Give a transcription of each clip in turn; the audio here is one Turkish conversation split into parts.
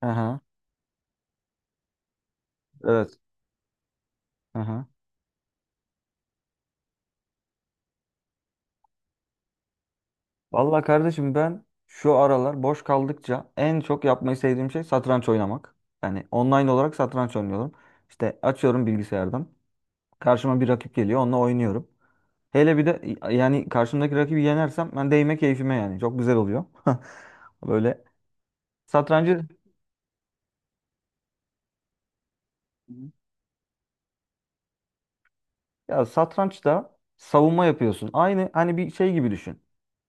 Aha. Evet. Aha. Vallahi kardeşim, ben şu aralar boş kaldıkça en çok yapmayı sevdiğim şey satranç oynamak. Yani online olarak satranç oynuyorum. İşte açıyorum bilgisayardan. Karşıma bir rakip geliyor, onunla oynuyorum. Hele bir de yani karşımdaki rakibi yenersem ben değme keyfime yani. Çok güzel oluyor. Böyle satrancı, ya satrançta savunma yapıyorsun. Aynı hani bir şey gibi düşün.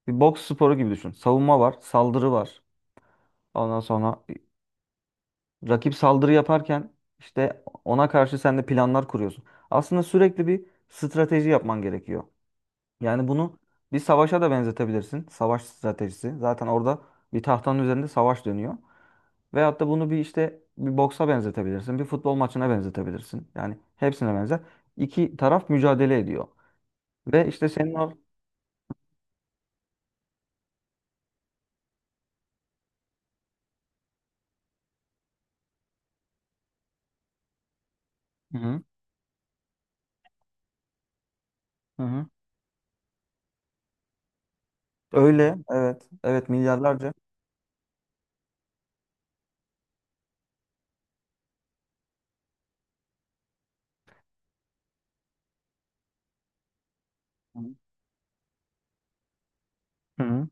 Bir boks sporu gibi düşün. Savunma var, saldırı var. Ondan sonra rakip saldırı yaparken işte ona karşı sen de planlar kuruyorsun. Aslında sürekli bir strateji yapman gerekiyor. Yani bunu bir savaşa da benzetebilirsin. Savaş stratejisi. Zaten orada bir tahtanın üzerinde savaş dönüyor. Veyahut da bunu bir işte bir boksa benzetebilirsin. Bir futbol maçına benzetebilirsin. Yani hepsine benzer. İki taraf mücadele ediyor. Ve işte senin Hı hı. Hı hı. Öyle. Evet. Evet, milyarlarca. Hı hı.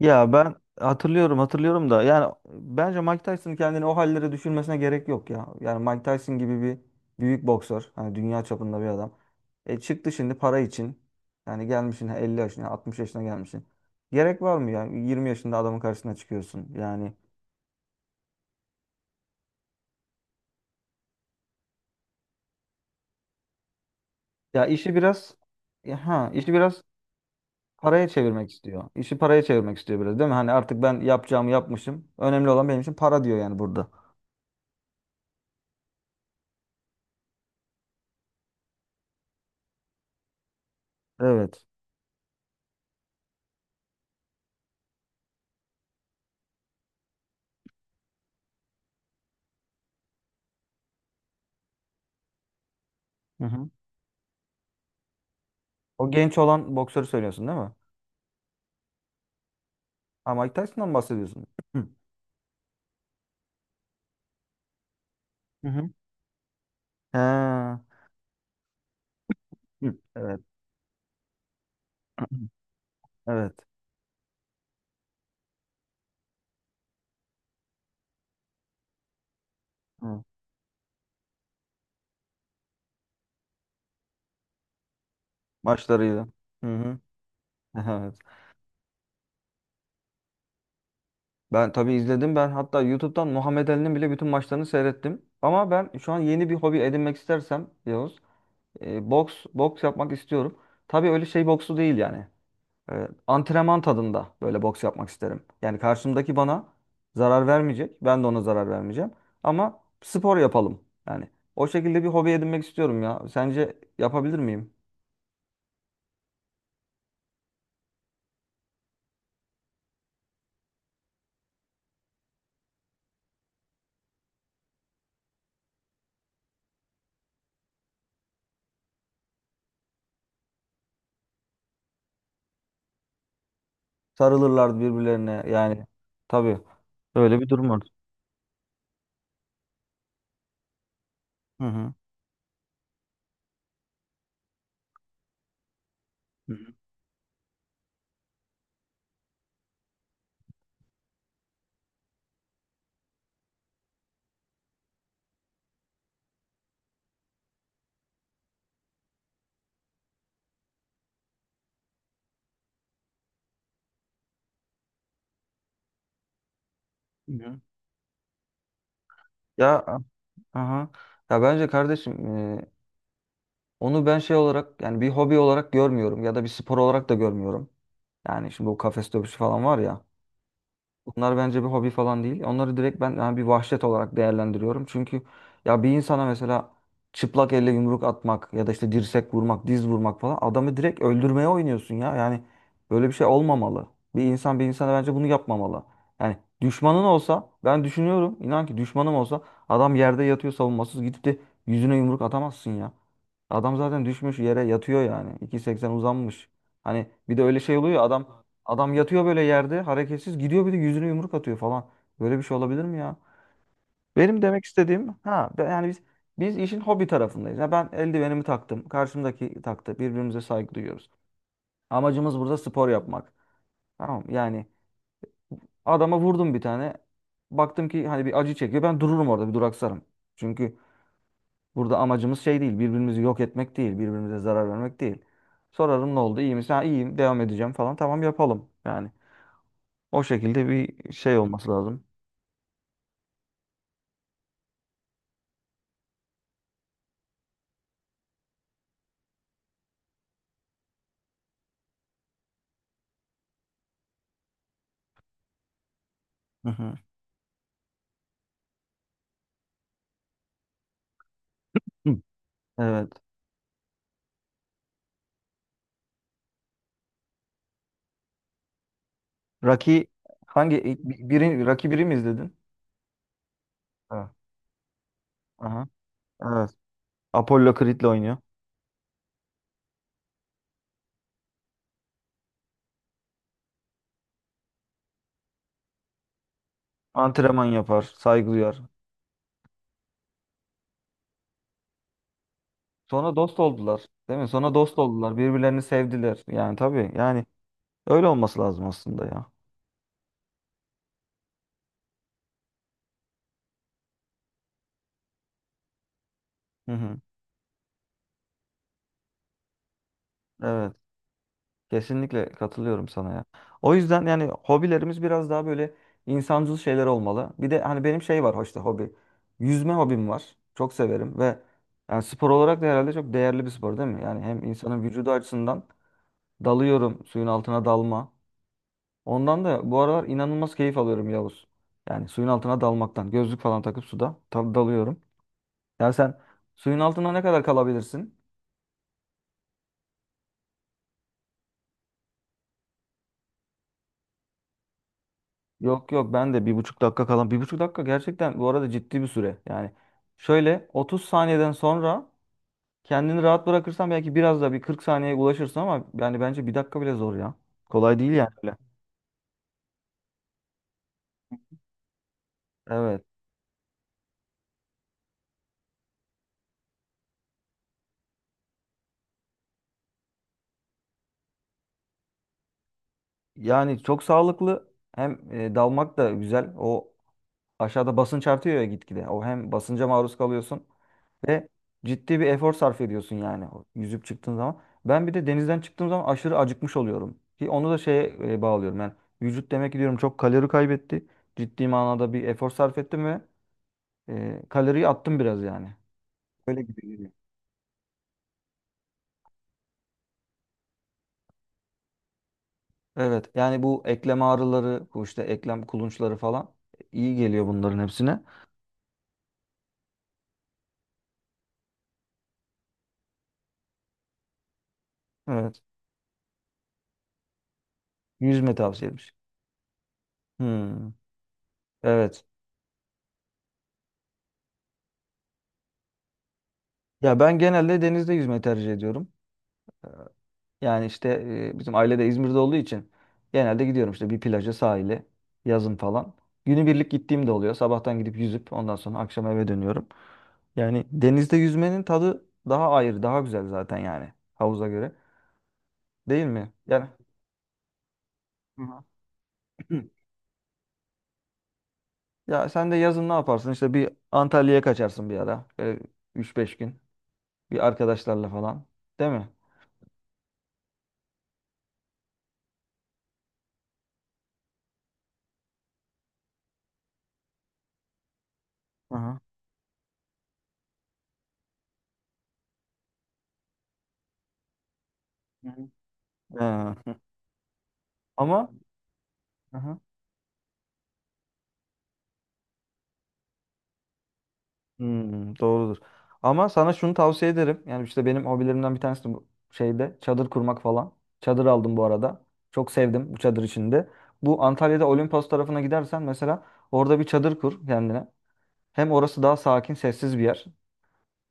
Ya ben hatırlıyorum, hatırlıyorum da yani bence Mike Tyson kendini o hallere düşürmesine gerek yok ya. Yani Mike Tyson gibi bir büyük boksör, hani dünya çapında bir adam. E çıktı şimdi para için. Yani gelmişsin 50 yaşına, 60 yaşına gelmişsin. Gerek var mı ya? 20 yaşında adamın karşısına çıkıyorsun. Yani ya işi biraz işi biraz paraya çevirmek istiyor. İşi paraya çevirmek istiyor biraz, değil mi? Hani artık ben yapacağımı yapmışım. Önemli olan benim için para, diyor yani burada. Evet. Hı hı. O genç olan boksörü söylüyorsun, değil mi? Ha, Mike Tyson'dan mı bahsediyorsun? Hı. Hı hı. Ha. Hı. Evet. Evet. Hı. Maçlarıyla. Hı hı. Evet. Ben tabii izledim. Ben hatta YouTube'dan Muhammed Ali'nin bile bütün maçlarını seyrettim. Ama ben şu an yeni bir hobi edinmek istersem Yavuz, boks yapmak istiyorum. Tabii öyle şey boksu değil yani. Antrenman tadında böyle boks yapmak isterim. Yani karşımdaki bana zarar vermeyecek. Ben de ona zarar vermeyeceğim. Ama spor yapalım. Yani o şekilde bir hobi edinmek istiyorum ya. Sence yapabilir miyim? Sarılırlardı birbirlerine. Yani tabii, böyle bir durum var. Hı hı. Hı hı. Hı. Ya, aha. Ya bence kardeşim, e, onu ben şey olarak, yani bir hobi olarak görmüyorum ya da bir spor olarak da görmüyorum. Yani şimdi bu kafes dövüşü falan var ya. Bunlar bence bir hobi falan değil. Onları direkt ben yani bir vahşet olarak değerlendiriyorum. Çünkü ya bir insana mesela çıplak elle yumruk atmak ya da işte dirsek vurmak, diz vurmak falan, adamı direkt öldürmeye oynuyorsun ya. Yani böyle bir şey olmamalı. Bir insan bir insana bence bunu yapmamalı. Yani düşmanın olsa, ben düşünüyorum, inan ki düşmanım olsa adam yerde yatıyor savunmasız, gidip de yüzüne yumruk atamazsın ya. Adam zaten düşmüş yere yatıyor yani. 2.80 uzanmış. Hani bir de öyle şey oluyor ya, adam adam yatıyor böyle yerde hareketsiz, gidiyor bir de yüzüne yumruk atıyor falan. Böyle bir şey olabilir mi ya? Benim demek istediğim yani biz işin hobi tarafındayız. Ya ben eldivenimi taktım. Karşımdaki taktı. Birbirimize saygı duyuyoruz. Amacımız burada spor yapmak. Tamam mı? Yani adama vurdum bir tane. Baktım ki hani bir acı çekiyor. Ben dururum orada, bir duraksarım. Çünkü burada amacımız şey değil. Birbirimizi yok etmek değil. Birbirimize zarar vermek değil. Sorarım ne oldu? İyi misin? Ha, iyiyim. Devam edeceğim falan. Tamam, yapalım. Yani o şekilde bir şey olması lazım. Hı hı. Hı. Evet. Rocky biri Rocky biri mi izledin? Ha. Aha. Evet. Apollo Creed'le oynuyor. Antrenman yapar, saygı duyar. Sonra dost oldular, değil mi? Sonra dost oldular, birbirlerini sevdiler. Yani tabii, yani öyle olması lazım aslında ya. Hı hı. Evet. Kesinlikle katılıyorum sana ya. O yüzden yani hobilerimiz biraz daha böyle insancıl şeyler olmalı. Bir de hani benim şey var, hoşta hobi. Yüzme hobim var. Çok severim ve yani spor olarak da herhalde çok değerli bir spor, değil mi? Yani hem insanın vücudu açısından dalıyorum suyun altına, dalma. Ondan da bu aralar inanılmaz keyif alıyorum Yavuz. Yani suyun altına dalmaktan. Gözlük falan takıp suda tabii dalıyorum. Ya sen suyun altına ne kadar kalabilirsin? Yok yok, ben de 1,5 dakika kalan. 1,5 dakika gerçekten bu arada ciddi bir süre. Yani şöyle 30 saniyeden sonra kendini rahat bırakırsan belki biraz da bir 40 saniyeye ulaşırsın ama yani bence bir dakika bile zor ya. Kolay değil yani öyle. Evet. Yani çok sağlıklı, hem dalmak da güzel. O aşağıda basınç artıyor ya gitgide. O hem basınca maruz kalıyorsun ve ciddi bir efor sarf ediyorsun yani o yüzüp çıktığın zaman. Ben bir de denizden çıktığım zaman aşırı acıkmış oluyorum. Ki onu da şeye bağlıyorum ben. Vücut demek ki, diyorum, çok kalori kaybetti. Ciddi manada bir efor sarf ettim ve kaloriyi attım biraz yani. Öyle gibi geliyor. Evet yani bu eklem ağrıları, bu işte eklem kulunçları falan, iyi geliyor bunların hepsine. Evet. Yüzme tavsiyemiş. Hmm. Evet. Ya ben genelde denizde yüzme tercih ediyorum. Ee, Yani işte bizim aile de İzmir'de olduğu için genelde gidiyorum işte bir plaja, sahile, yazın falan. Günübirlik gittiğim de oluyor. Sabahtan gidip yüzüp ondan sonra akşam eve dönüyorum. Yani denizde yüzmenin tadı daha ayrı, daha güzel zaten yani havuza göre. Değil mi? Yani Hı hı. Ya sen de yazın ne yaparsın? İşte bir Antalya'ya kaçarsın bir ara. Böyle 3-5 gün bir arkadaşlarla falan. Değil mi? Hı hı. Hı hı. Ee, Ama aha. Hmm, doğrudur. Ama sana şunu tavsiye ederim. Yani işte benim hobilerimden bir tanesi de bu, şeyde çadır kurmak falan. Çadır aldım bu arada. Çok sevdim bu çadır içinde. Bu Antalya'da Olimpos tarafına gidersen mesela orada bir çadır kur kendine. Hem orası daha sakin, sessiz bir yer.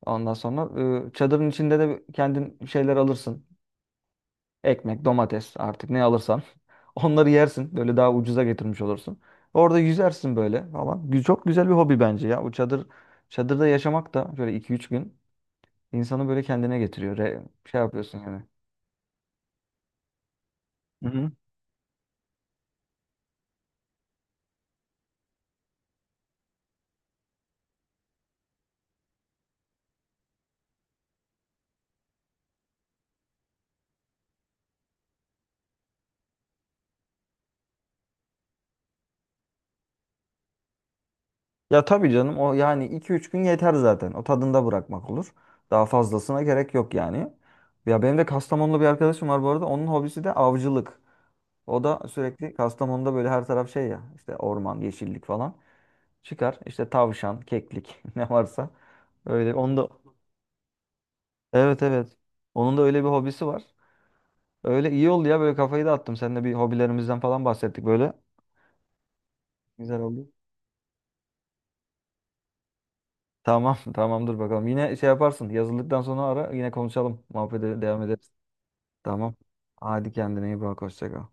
Ondan sonra çadırın içinde de kendin bir şeyler alırsın. Ekmek, domates, artık ne alırsan. Onları yersin. Böyle daha ucuza getirmiş olursun. Orada yüzersin böyle falan. Çok güzel bir hobi bence ya. Bu çadır, çadırda yaşamak da şöyle iki üç gün, İnsanı böyle kendine getiriyor. Şey yapıyorsun yani. Hı hı. Ya tabii canım, o yani iki üç gün yeter zaten. O tadında bırakmak olur. Daha fazlasına gerek yok yani. Ya benim de Kastamonlu bir arkadaşım var bu arada. Onun hobisi de avcılık. O da sürekli Kastamonu'da böyle her taraf şey ya, işte orman, yeşillik falan. Çıkar işte tavşan, keklik, ne varsa. Öyle onun da evet, evet. Onun da öyle bir hobisi var. Öyle iyi oldu ya, böyle kafayı dağıttım. Seninle bir hobilerimizden falan bahsettik böyle. Güzel oldu. Tamam, tamamdır bakalım. Yine şey yaparsın. Yazıldıktan sonra ara. Yine konuşalım. Muhabbete devam ederiz. Tamam. Hadi kendine iyi bak. Hoşça kal.